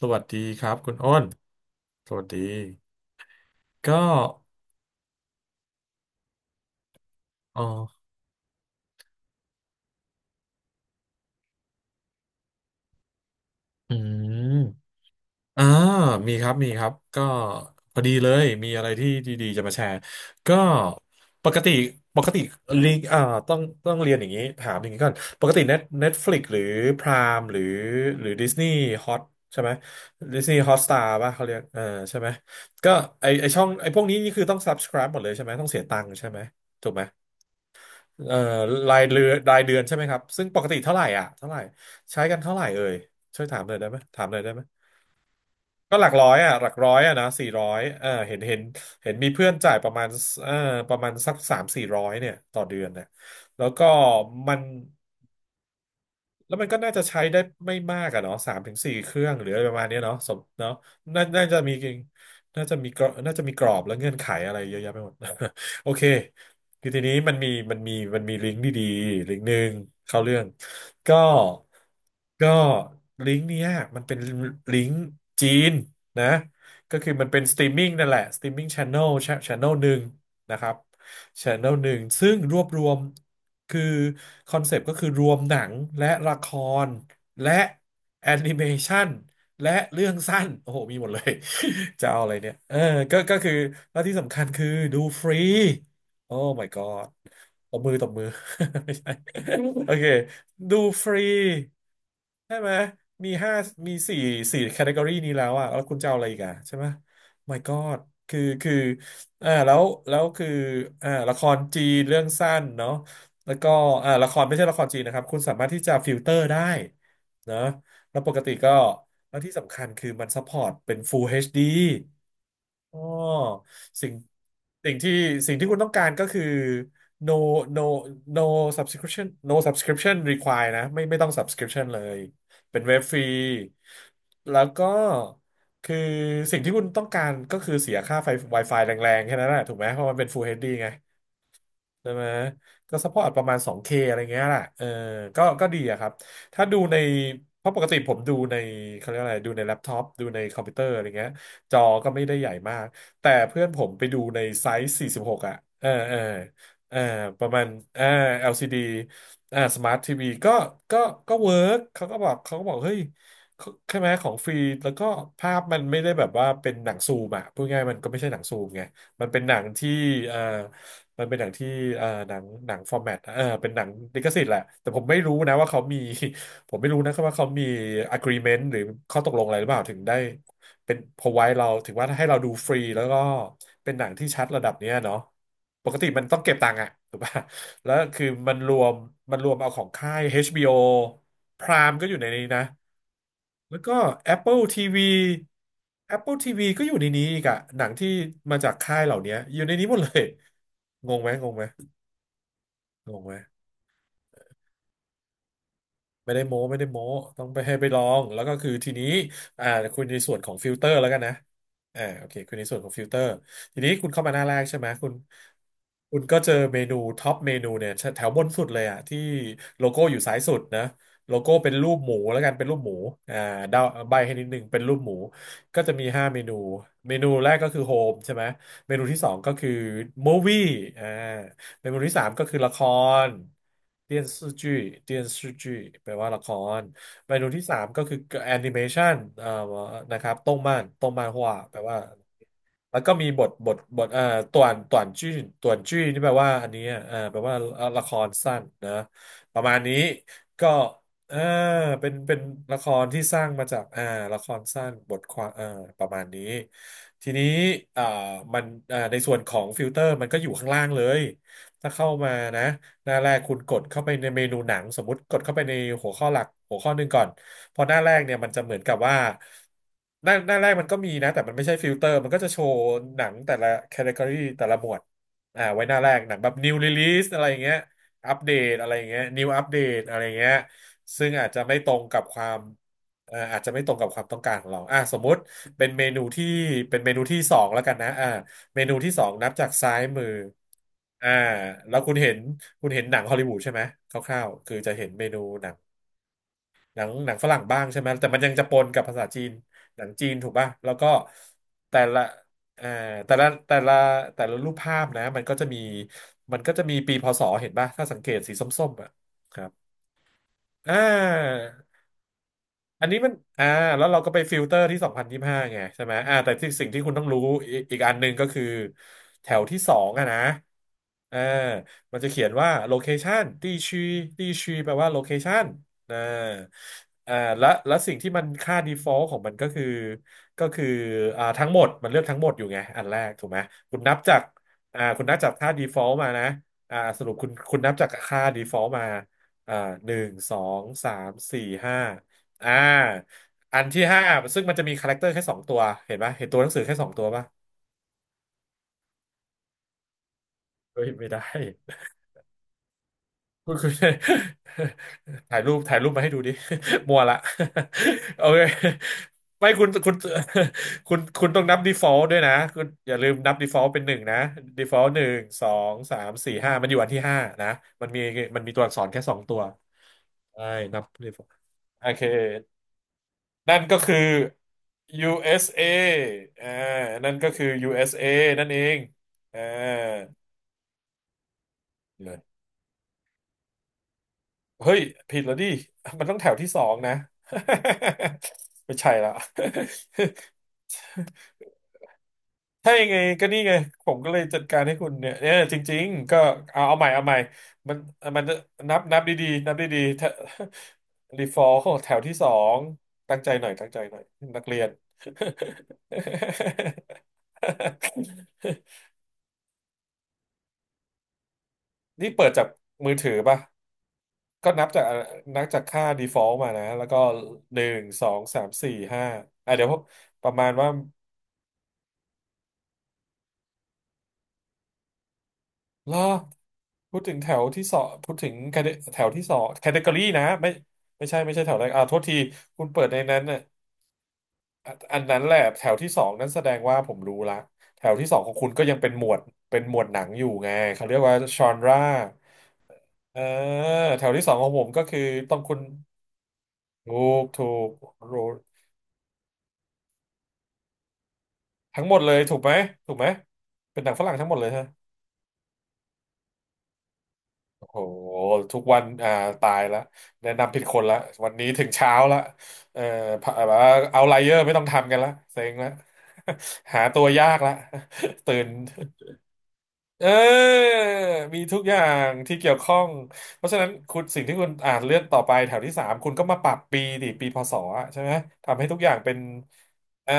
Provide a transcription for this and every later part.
สวัสดีครับคุณอ้นสวัสดีก็อ๋ออืมอ่ามีครับก็พอดีเลยมีอะไรที่ดีๆจะมาแชร์ก็ปกติปกติลิงอ่าต้องต้องเรียนอย่างนี้ถามอย่างนี้ก่อนปกติเน็ตฟลิกหรือพรามหรือดิสนีย์ฮอตใช่ไหมดิสนีย์ฮอตสตาร์ป่ะเขาเรียกเออใช่ไหมก็ไอช่องไอพวกนี้นี่คือต้อง subscribe หมดเลยใช่ไหมต้องเสียตังค์ใช่ไหมถูกไหม เอ่อรายเดือนใช่ไหมครับซึ่งปกติเท่าไหร่อ่ะเท่าไหร่ใช้กันเท่าไหร่เอ่ยช่วยถามหน่อยได้ไหมถามหน่อยได้ไหมก็หลักร้อยอ่ะหลักร้อยอ่ะนะสี่ร้อยเออเห็นมีเพื่อนจ่ายประมาณเออประมาณสักสามสี่ร้อยเนี่ยต่อเดือนเนี่ยแล้วก็มัน แล้วมันก็น่าจะใช้ได้ไม่มากอะเนาะสามถึงสี่เครื่องหรืออะไรประมาณเนี้ยเนาะสมเนาะน่าน่าจะมีน่าจะมีกรอบน่าจะมีกรอบและเงื่อนไขอะไรเยอะแยะไปหมด โอเคคือทีนี้มันมีลิงก์ดีๆลิงก์หนึ่งเข้าเรื่องก็ก็ลิงก์เนี้ยมันเป็นลิงก์จีนนะก็คือมันเป็นสตรีมมิ่งนั่นแหละสตรีมมิ่งชานอลหนึ่งนะครับชานอลหนึ่งซึ่งรวบรวม คือคอนเซปต์ก็คือรวมหนังและละครและแอนิเมชันและเรื่องสั้นโอ้โหมีหมดเลย จะเอาอะไรเนี่ยเออก็คือแล้วที่สำคัญคือดูฟรีโอ้ my god ตบมือตบมือ ไม่ใช่โอเคดูฟรีใช่ไหมมีห้ามีสี่แคตตากรีนี้แล้วอะแล้วคุณจะเอาอะไรอีกอะใช่ไหม my god คืออ่าแล้วแล้วคือละครจีนเรื่องสั้นเนาะ แล้วก็ละครไม่ใช่ละครจีนนะครับคุณสามารถที่จะฟิลเตอร์ได้นะแล้วปกติก็แล้วที่สำคัญคือมันซัพพอร์ตเป็น Full HD อชดีอ๋อสิ่งสิ่งที่สิ่งที่คุณต้องการก็คือ no no no subscription require นะไม่ต้อง subscription เลยเป็นเว็บฟรีแล้วก็คือสิ่งที่คุณต้องการก็คือเสียค่าไฟ Wi-Fi แรงๆแค่นั้นแหละถูกไหมเพราะมันเป็น Full HD ไง ใช่ไหมก็ซัพพอร์ตประมาณ 2K อะไรเงี้ยแหละเออก็ดีอะครับถ้าดูในเพราะปกติผมดูในเขาเรียกอะไรดูในแล็ปท็อปดูในคอมพิวเตอร์อะไรเงี้ยจอก็ไม่ได้ใหญ่มากแต่เพื่อนผมไปดูในไซส์46อ่ะเออเออเออประมาณเออ LCD อลซีดีสมาร์ททีวีก็ก็เวิร์กเขาก็บอกเฮ้ยใช่ไหมของฟรีแล้วก็ภาพมันไม่ได้แบบว่าเป็นหนังซูมอ่ะพูดง่ายๆมันก็ไม่ใช่หนังซูมไงมันเป็นหนังที่เอ่อ มันเป็นหนังที่หนังฟอร์แมตเป็นหนังลิขสิทธิ์แหละแต่ผมไม่รู้นะว่าเขามี ผมไม่รู้นะครับว่าเขามี agreement หรือข้อตกลงอะไรหรือเปล่าถึงได้เป็น provide เราถึงว่าให้เราดูฟรีแล้วก็เป็นหนังที่ชัดระดับเนี้ยเนาะปกติมันต้องเก็บตังค์อะถูกป่ะแล้วคือมันรวมเอาของค่าย HBO Prime ก็อยู่ในนี้นะ แล้วก็ Apple TV Apple ทีวีก็อยู่ในนี้อีกอะหนังที่มาจากค่ายเหล่านี้อยู่ในนี้หมดเลยงงไหมงงไหมงงไหม ไม่ได้โม้ไม่ได้โม้ต้องไปให้ไปลองแล้วก็คือทีนี้อ่าคุณในส่วนของฟิลเตอร์แล้วกันนะโอเคคุณในส่วนของฟิลเตอร์ทีนี้คุณเข้ามาหน้าแรกใช่ไหมคุณก็เจอเมนูท็อปเมนูเนี่ยแถวบนสุดเลยอะที่โลโก้อยู่ซ้ายสุดนะโลโก้เป็นรูปหมูแล้วกันเป็นรูปหมูอ่าเดาใบให้นิดนึงเป็นรูปหมูก็จะมีห้าเมนูเมนูแรกก็คือโฮมใช่ไหมเมนูที่สองก็คือมูวี่อ่า ในหมวดที่สามก็คือละครเ电่อจ视剧แปลว่าละครเมนูที่สามก็คือแอนิเมชันนะครับต้งม่านฮวาแปลว่า แล้วก็มีบทบทต่วนจื้อต่วนจื้อนี่แปลว่าอันนี้อ่ะแปลว่าละครสั้นนะประมาณนี้ก็เออเป็นละครที่สร้างมาจากละครสั้นบทความประมาณนี้ทีนี้อ่ามันในส่วนของฟิลเตอร์มันก็อยู่ข้างล่างเลยถ้าเข้ามานะหน้าแรกคุณกดเข้าไปในเมนูหนังสมมติกดเข้าไปในหัวข้อหลักหัวข้อหนึ่งก่อน พอหน้าแรกเนี่ยมันจะเหมือนกับว่าหน้าแรกมันก็มีนะแต่มันไม่ใช่ฟิลเตอร์มันก็จะโชว์หนังแต่ละแคตตากรีแต่ละหมวดอ่าไว้หน้าแรกหนังแบบ new release อะไรอย่างเงี้ยอัปเดตอะไรอย่างเงี้ย new update อะไรอย่างเงี้ยซึ่งอาจจะไม่ตรงกับความอาจจะไม่ตรงกับความต้องการของเราอ่ะสมมุติเป็นเมนูที่เป็นเมนูที่สองแล้วกันนะอ่าเมนูที่สองนับจากซ้ายมืออ่าแล้วคุณเห็นหนังฮอลลีวูดใช่ไหมคร่าวๆคือจะเห็นเมนูหนัง หนังฝรั่งบ้างใช่ไหมแต่มันยังจะปนกับภาษาจีนหนังจีนถูกป่ะแล้วก็แต่ละเอ่อแต่ละแต่ละแต่ละรูปภาพนะมันก็จะมีปีพศเห็นป่ะถ้าสังเกตสีส้มๆอ่ะครับอ่า อันนี้มันอ่าแล้วเราก็ไปฟิลเตอร์ที่สองพันยี่สิบห้าไงใช่ไหมอ่าแต่ที่สิ่งที่คุณต้องรู้อีกอันหนึ่งก็คือแถวที่สองอะนะอ่ามันจะเขียนว่าโลเคชัน地区地区แปลว่าโลเคชันนะอ่าและสิ่งที่มันค่า default ของมันก็คือก็คืออ่าทั้งหมดมันเลือกทั้งหมดอยู่ไงอันแรกถูกไหมคุณนับจากอ่าคุณนับจากค่า default มานะอ่าสรุปคุณนับจากค่า default มาอ่าหนึ่งสองสามสี่ห้า อ่าอันที่ห้าซึ่งมันจะมีคาแรคเตอร์แค่สองตัวเห็นปะเห็นตัวหนังสือแค่สองตัวปะเฮ้ยไม่ได้คุณคุณ ถ่ายรูปมาให้ดูดิ มัวละ โอเคไม่คุณคุณ คุณคุณต้องนับ default ด้วยนะคุณอย่าลืมนับ default เป็นหนึ่งนะ default หนึ่งสองสามสี่ห้ามันอยู่อันที่ห้านะมันมีมันมีตัวอักษรแค่สองตัวใช่นับ default โอเค นั่นก็คือ USA อสเออ่านั่นก็คือ USA นั่นเองอ่าเลยเฮ้ยผิดแล้วดิมันต้องแถวที่สองนะ ไม่ใช่ละ ถ้ายังไงก็นี่ไง ผมก็เลยจัดการให้คุณเนี่ยเนี่ยจริงๆก็เอาใหม่เอาใหม่มันมันจะนับดีๆนับดีๆถ้า default ของแถวที่สองตั้งใจหน่อยตั้งใจหน่อยนักเรียน นี่เปิดจากมือถือป่ะ ก็นับจากนับจากค่า default มานะ แล้วก็หนึ่งสองสามสี่ห้าอ่ะเดี๋ยวประมาณว่าล่อพูดถึงแถวที่สองพูดถึง แถวที่สองแคตตากรีนะไม่ไม่ใช่ไม่ใช่แถวแรกอ่าโทษทีคุณเปิดในนั้นน่ะอะอันนั้นแหละแถวที่สองนั้นแสดงว่าผมรู้ละแถวที่สองของคุณก็ยังเป็นหมวดเป็นหมวดหนังอยู่ไงเขาเรียกว่าชอนราเออแถวที่สองของผมก็คือต้องคุณถูถูก ทั้งหมดเลยถูกไหมถูกไหมเป็นหนังฝรั่งทั้งหมดเลยฮะโอ้โหทุกวันอ่าตายละแนะนำผิดคนละวันนี้ถึงเช้าละเอ่อพะแบบว่าเอาไลเยอร์ไม่ต้องทำกันละเซ็งละ หาตัวยากละ ตื่น เออมีทุกอย่างที่เกี่ยวข้อง เพราะฉะนั้นคุณสิ่งที่คุณอ่านเลื่อนต่อไปแถวที่สามคุณก็มาปรับปีดิปีพศอะใช่ไหมทำให้ทุกอย่างเป็นเออ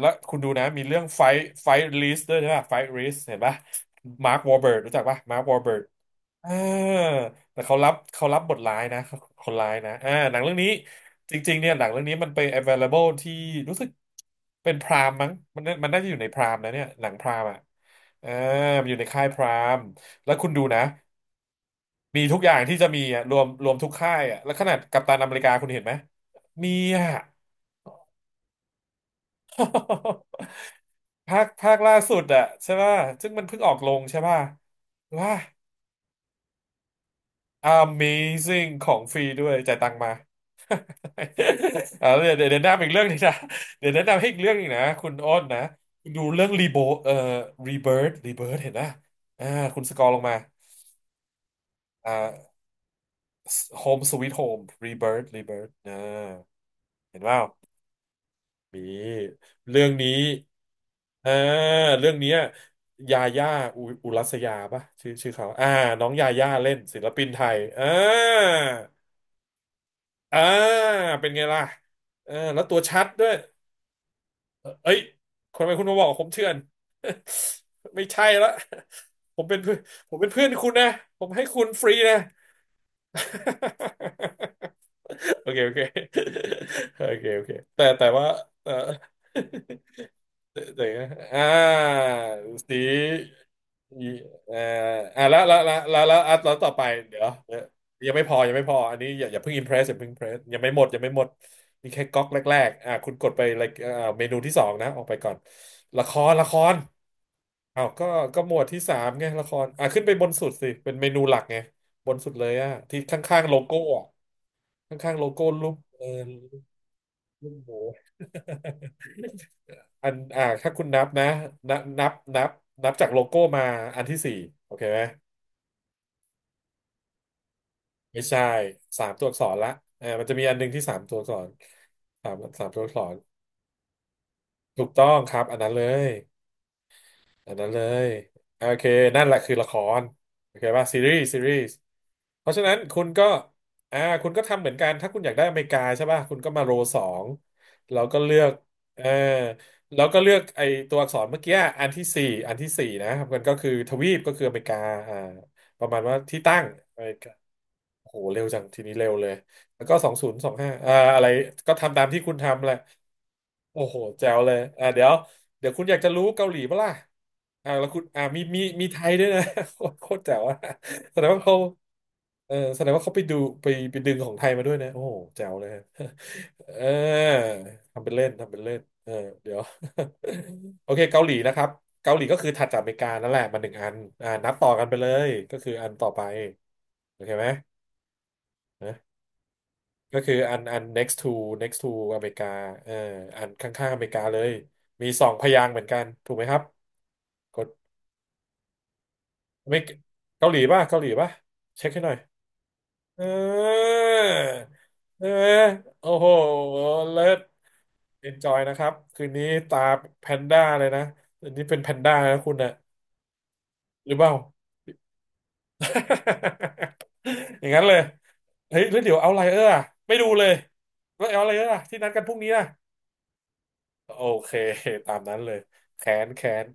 แล้วคุณดูนะมีเรื่องไฟไฟลิสด้วยใช่ป่ะไฟลิสเห็นป่ะมาร์ควอร์เบิร์รู้จักป่ะมาร์ควอร์เบิร์ เอ่าแต่เขารับบทร้ายนะเขาคนร้ายนะอ่าหนังเรื่องนี้จริงๆเนี่ยหนังเรื่องนี้มันไป available ที่รู้สึกเป็นพรามมั้งมันน่าจะอยู่ในพรามนะเนี่ยหนังพรามอ่ะเอ่ามันอยู่ในค่ายพรามแล้วคุณดูนะมีทุกอย่างที่จะมีอ่ะรวมทุกค่ายอ่ะแล้วขนาดกัปตันอเมริกาคุณเห็นไหมมีอ่ะ ภาคล่าสุดอะใช่ป่ะซึ่งมันเพิ่งออกลงใช่ป่ะว่า Amazing ของฟรีด้วยจ่ายตังค์มา อ่าเดี๋ยวแนะนำอีกเรื่องหนึงนะเดี๋ยวแนะนำให้อีกเรื่องหนึงนะคุณอ้นนะคุณดูเรื่องรีโบเอ่อรีเบิร์ดเห็นนะอ่าคุณสกอร์ลงมาอ่าโฮมสวีทโฮมรีเบิร์ดเห็นเปล่ามีเรื่องนี้อ่าเรื่องเนี้ยยาย่าอุรัสยาปะชื่อเขาน้องยาย่าเล่นศิลปินไทยอ่าเป็นไงล่ะเออแล้วตัวชัดด้วย เอ้ยทำไมคุณมาบอกผมเถื่อน ไม่ใช่ละผมเป็นเพื่อนผมเป็นเพื่อนคุณนะผมให้คุณฟรีนะ โอเคโอเคโอเคโอเคแต่ว่าเออ เดี๋ยวนะอ่าสีอีเอ่อแล้วแล้วต่อไปเดี๋ยวยังไม่พออันนี้อย่าเพิ่งอิมเพรสอย่าเพิ่งอิมเพรสยังไม่หมดนี่แค่ก๊อกแรกๆคุณกดไปเลยเมนูที่สองนะ ออกไปก่อน ละครอ้าวก็หมวดที่สามไงละครขึ้นไปบนสุดสิ เป็นเมนูหลักไง บนสุดเลยอ่ะที่ข้างๆโลโก้อ่ะข้างๆโลโก้รูปเออรูปหมู อันถ้าคุณนับนะนับนับจากโลโก้มาอันที่สี่โอเคไหม ไม่ใช่สามตัวอักษรละเอ่ามันจะมีอันหนึ่งที่สามตัวอักษรสามตัวอักษรถูกต้องครับ อันนั้นเลย อันนั้นเลยโอเคนั่นแหละคือละครโอเคป่ะซีรีส์ซีรีส์เพราะฉะนั้นคุณก็คุณก็ทำเหมือนกันถ้าคุณอยากได้อเมริกาใช่ป่ะคุณก็มาโรสองแล้วก็เลือกเออแล้วก็เลือกไอตัวอักษรเมื่อกี้อันที่สี่อันที่สี่นะครับมันก็คือทวีปก็คืออเมริกาอ่าประมาณว่าที่ตั้ง โอ้โหเร็วจังทีนี้เร็วเลยแล้วก็สองศูนย์สองห้าอะไรก็ทำตามที่คุณทำแหละโอ้โหแจ๋วเลยเดี๋ยวเดี๋ยวคุณอยากจะรู้เกาหลีปะล่ะแล้วคุณมีมีไทยด้วยนะ โคตรแจ๋วอะแสดงว่าเขาเออแสดงว่าเขาไปดูไปดึงของไทยมาด้วยนะโอ้โหแจ๋วเลย ฮะเออทำเป็นเล่นเออเดี๋ยว โอเคเกาหลีนะครับเกาหลีก็คือถัดจากอเมริกานั่นแหละมาหนึ่งอันนับต่อกันไปเลยก็คืออันต่อไปโอเคไหม ก็คืออันnext to next to อเมริกาเอออันข้างๆอเมริกาเลยมีสองพยางค์เหมือนกันถูกไหมครับกดไม่เกาหลีป่ะเช็คให้หน่อยเออเออโอ้โหเลิศ enjoy นะครับคืนนี้ตาแพนด้าเลยนะอันนี้เป็นแพนด้านะคุณนะหรือเปล่า อย่างนั้นเลยเฮ้ยแล้วเดี๋ยวเอาไลเออร์อะไม่ดูเลยแล้วเอาไลเออร์อะที่นัดกันพรุ่งนี้อะ โอเค ตามนั้นเลย แค้น แค้น